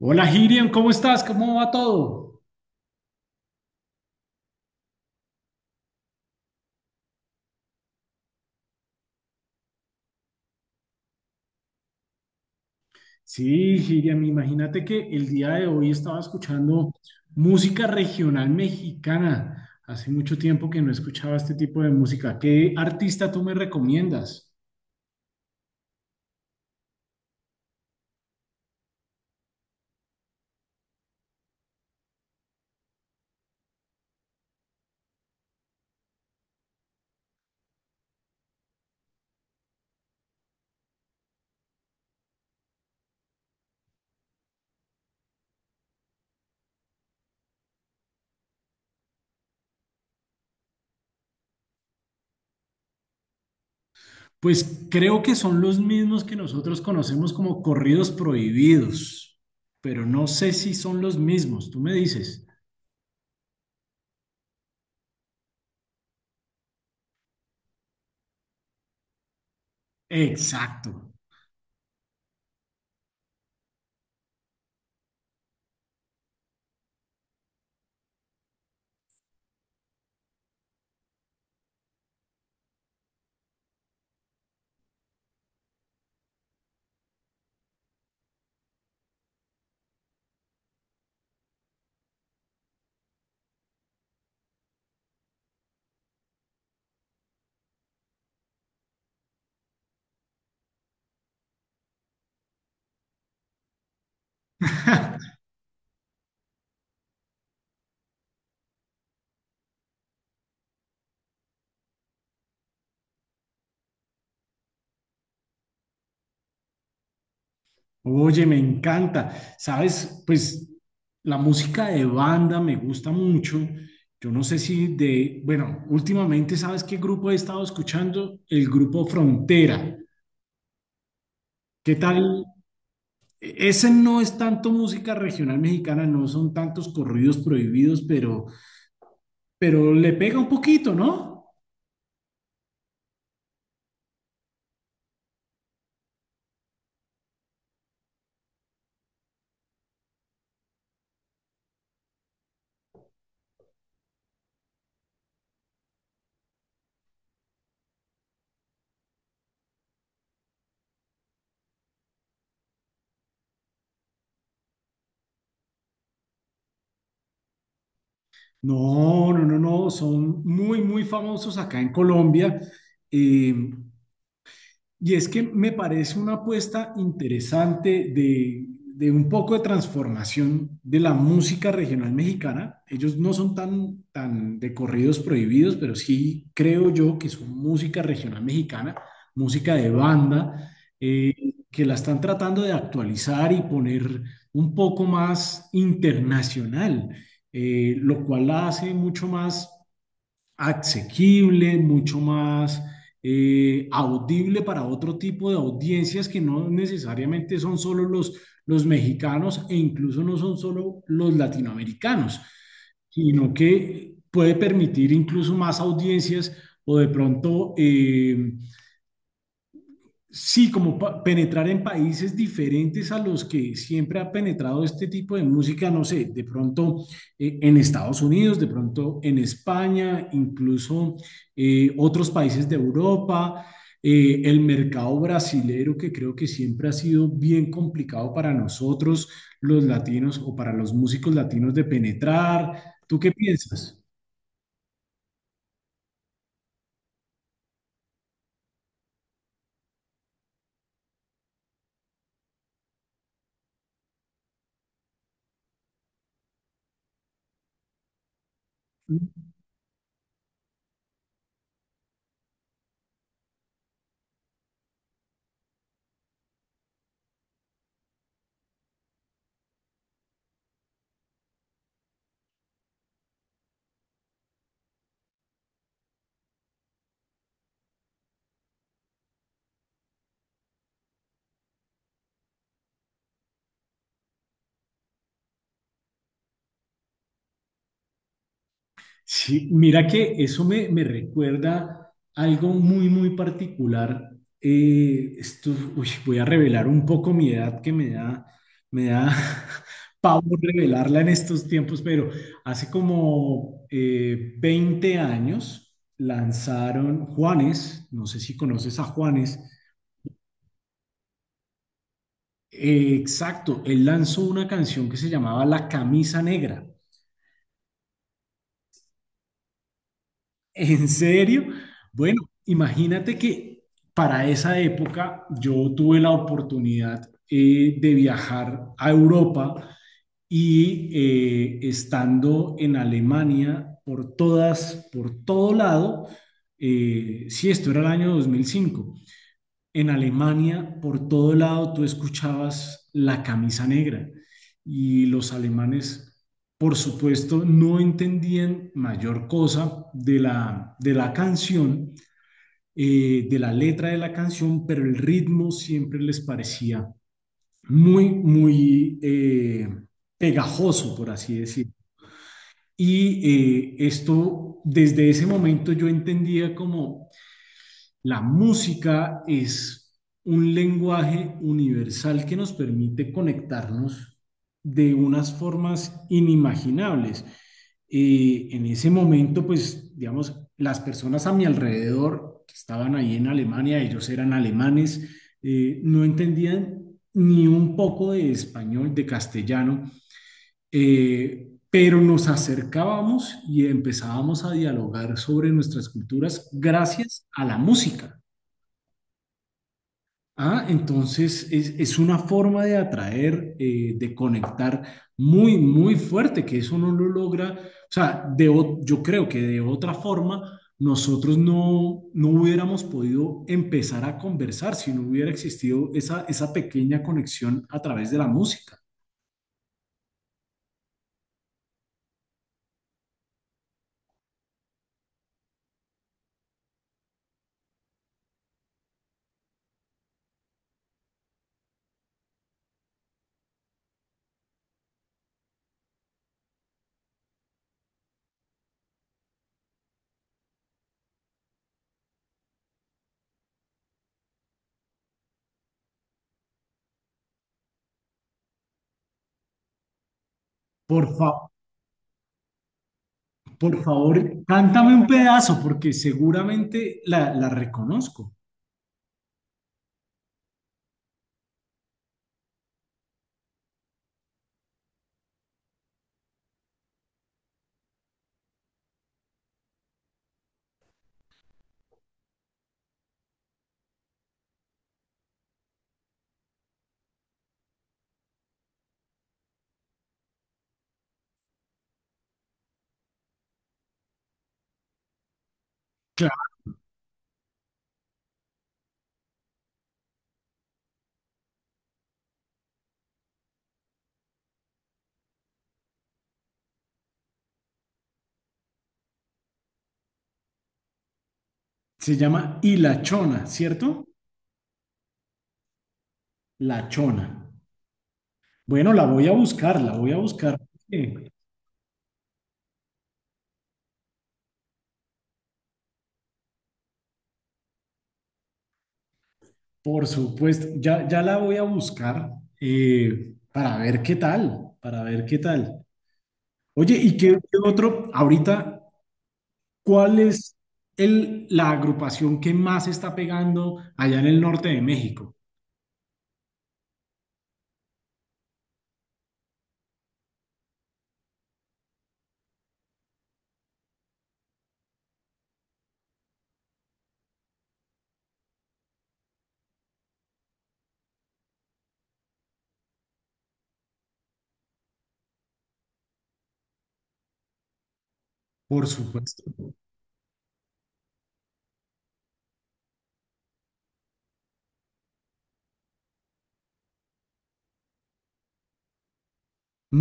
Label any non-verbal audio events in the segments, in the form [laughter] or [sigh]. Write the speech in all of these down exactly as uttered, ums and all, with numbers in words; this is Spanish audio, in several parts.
Hola Hiriam, ¿cómo estás? ¿Cómo va todo? Sí, Hiriam, imagínate que el día de hoy estaba escuchando música regional mexicana. Hace mucho tiempo que no escuchaba este tipo de música. ¿Qué artista tú me recomiendas? Pues creo que son los mismos que nosotros conocemos como corridos prohibidos, pero no sé si son los mismos. Tú me dices. Exacto. Oye, me encanta. Sabes, pues la música de banda me gusta mucho. Yo no sé si de, bueno, últimamente, ¿sabes qué grupo he estado escuchando? El grupo Frontera. ¿Qué tal? E- Ese no es tanto música regional mexicana, no son tantos corridos prohibidos, pero, pero le pega un poquito, ¿no? No, no, no, no, son muy, muy famosos acá en Colombia. Eh, Y es que me parece una apuesta interesante de, de un poco de transformación de la música regional mexicana. Ellos no son tan, tan de corridos prohibidos, pero sí creo yo que son música regional mexicana, música de banda, eh, que la están tratando de actualizar y poner un poco más internacional, eh, lo cual la hace mucho más asequible, mucho más eh, audible para otro tipo de audiencias que no necesariamente son solo los, los mexicanos e incluso no son solo los latinoamericanos, sino que puede permitir incluso más audiencias o de pronto eh, sí, como pa- penetrar en países diferentes a los que siempre ha penetrado este tipo de música, no sé, de pronto eh, en Estados Unidos, de pronto en España, incluso eh, otros países de Europa, eh, el mercado brasilero que creo que siempre ha sido bien complicado para nosotros los latinos o para los músicos latinos de penetrar. ¿Tú qué piensas? Sí, mira que eso me, me recuerda algo muy, muy particular. Eh, esto, uy, voy a revelar un poco mi edad que me da, me da [laughs] pavor revelarla en estos tiempos, pero hace como eh, veinte años lanzaron Juanes, no sé si conoces a Juanes, eh, exacto, él lanzó una canción que se llamaba La Camisa Negra. ¿En serio? Bueno, imagínate que para esa época yo tuve la oportunidad eh, de viajar a Europa y eh, estando en Alemania por todas, por todo lado, eh, sí, esto era el año dos mil cinco en Alemania, por todo lado, tú escuchabas la camisa negra y los alemanes, por supuesto, no entendían mayor cosa de la, de la canción, eh, de la letra de la canción, pero el ritmo siempre les parecía muy, muy eh, pegajoso, por así decir. Y eh, esto, desde ese momento yo entendía como la música es un lenguaje universal que nos permite conectarnos de unas formas inimaginables. Eh, en ese momento, pues, digamos, las personas a mi alrededor que estaban ahí en Alemania, ellos eran alemanes, eh, no entendían ni un poco de español, de castellano, eh, pero nos acercábamos y empezábamos a dialogar sobre nuestras culturas gracias a la música. Ah, entonces es, es una forma de atraer, eh, de conectar muy, muy fuerte, que eso no lo logra. O sea, de, o- yo creo que de otra forma nosotros no, no hubiéramos podido empezar a conversar si no hubiera existido esa, esa pequeña conexión a través de la música. Por fa- por favor, cántame un pedazo porque seguramente la, la reconozco. Claro, se llama Y la Chona, ¿cierto? La Chona. Bueno, la voy a buscar, la voy a buscar. Porque, por supuesto, ya, ya la voy a buscar eh, para ver qué tal, para ver qué tal. Oye, ¿y qué, qué otro? Ahorita, ¿cuál es el, la agrupación que más está pegando allá en el norte de México? Por supuesto.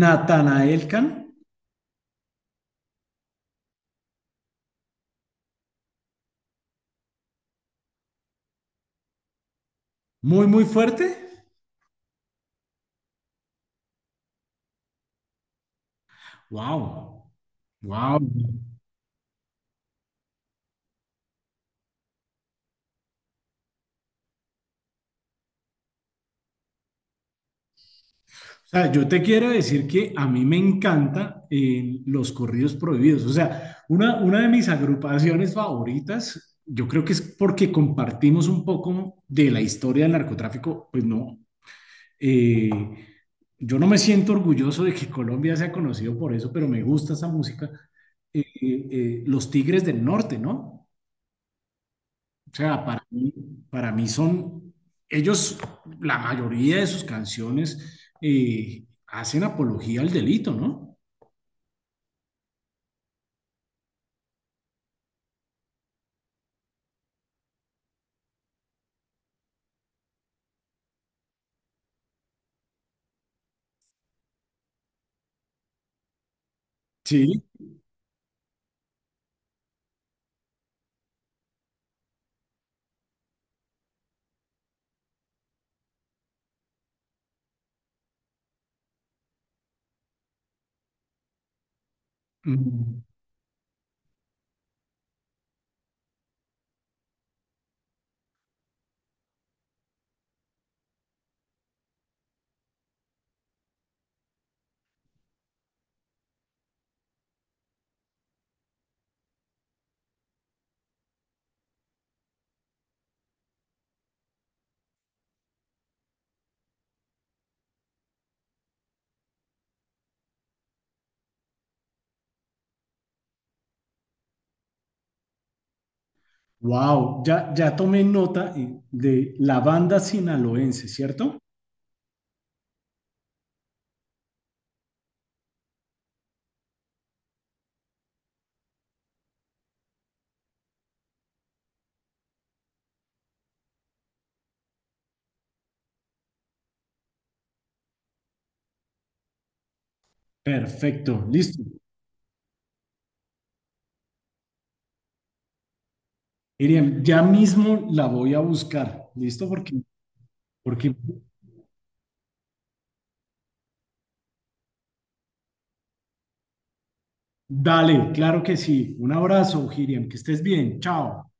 Natanael Can, muy, muy fuerte. Wow, wow. O sea, yo te quiero decir que a mí me encanta eh, los corridos prohibidos. O sea, una, una de mis agrupaciones favoritas, yo creo que es porque compartimos un poco de la historia del narcotráfico, pues no. eh, yo no me siento orgulloso de que Colombia sea conocido por eso, pero me gusta esa música. Eh, eh, eh, los Tigres del Norte, ¿no? O sea, para mí, para mí son, ellos, la mayoría de sus canciones eh, hacen apología al delito, ¿no? Sí, wow, ya, ya tomé nota eh, de la banda sinaloense, ¿cierto? Perfecto, listo. Miriam, ya mismo la voy a buscar, ¿listo? Porque, porque, dale, claro que sí. Un abrazo, Miriam, que estés bien, chao.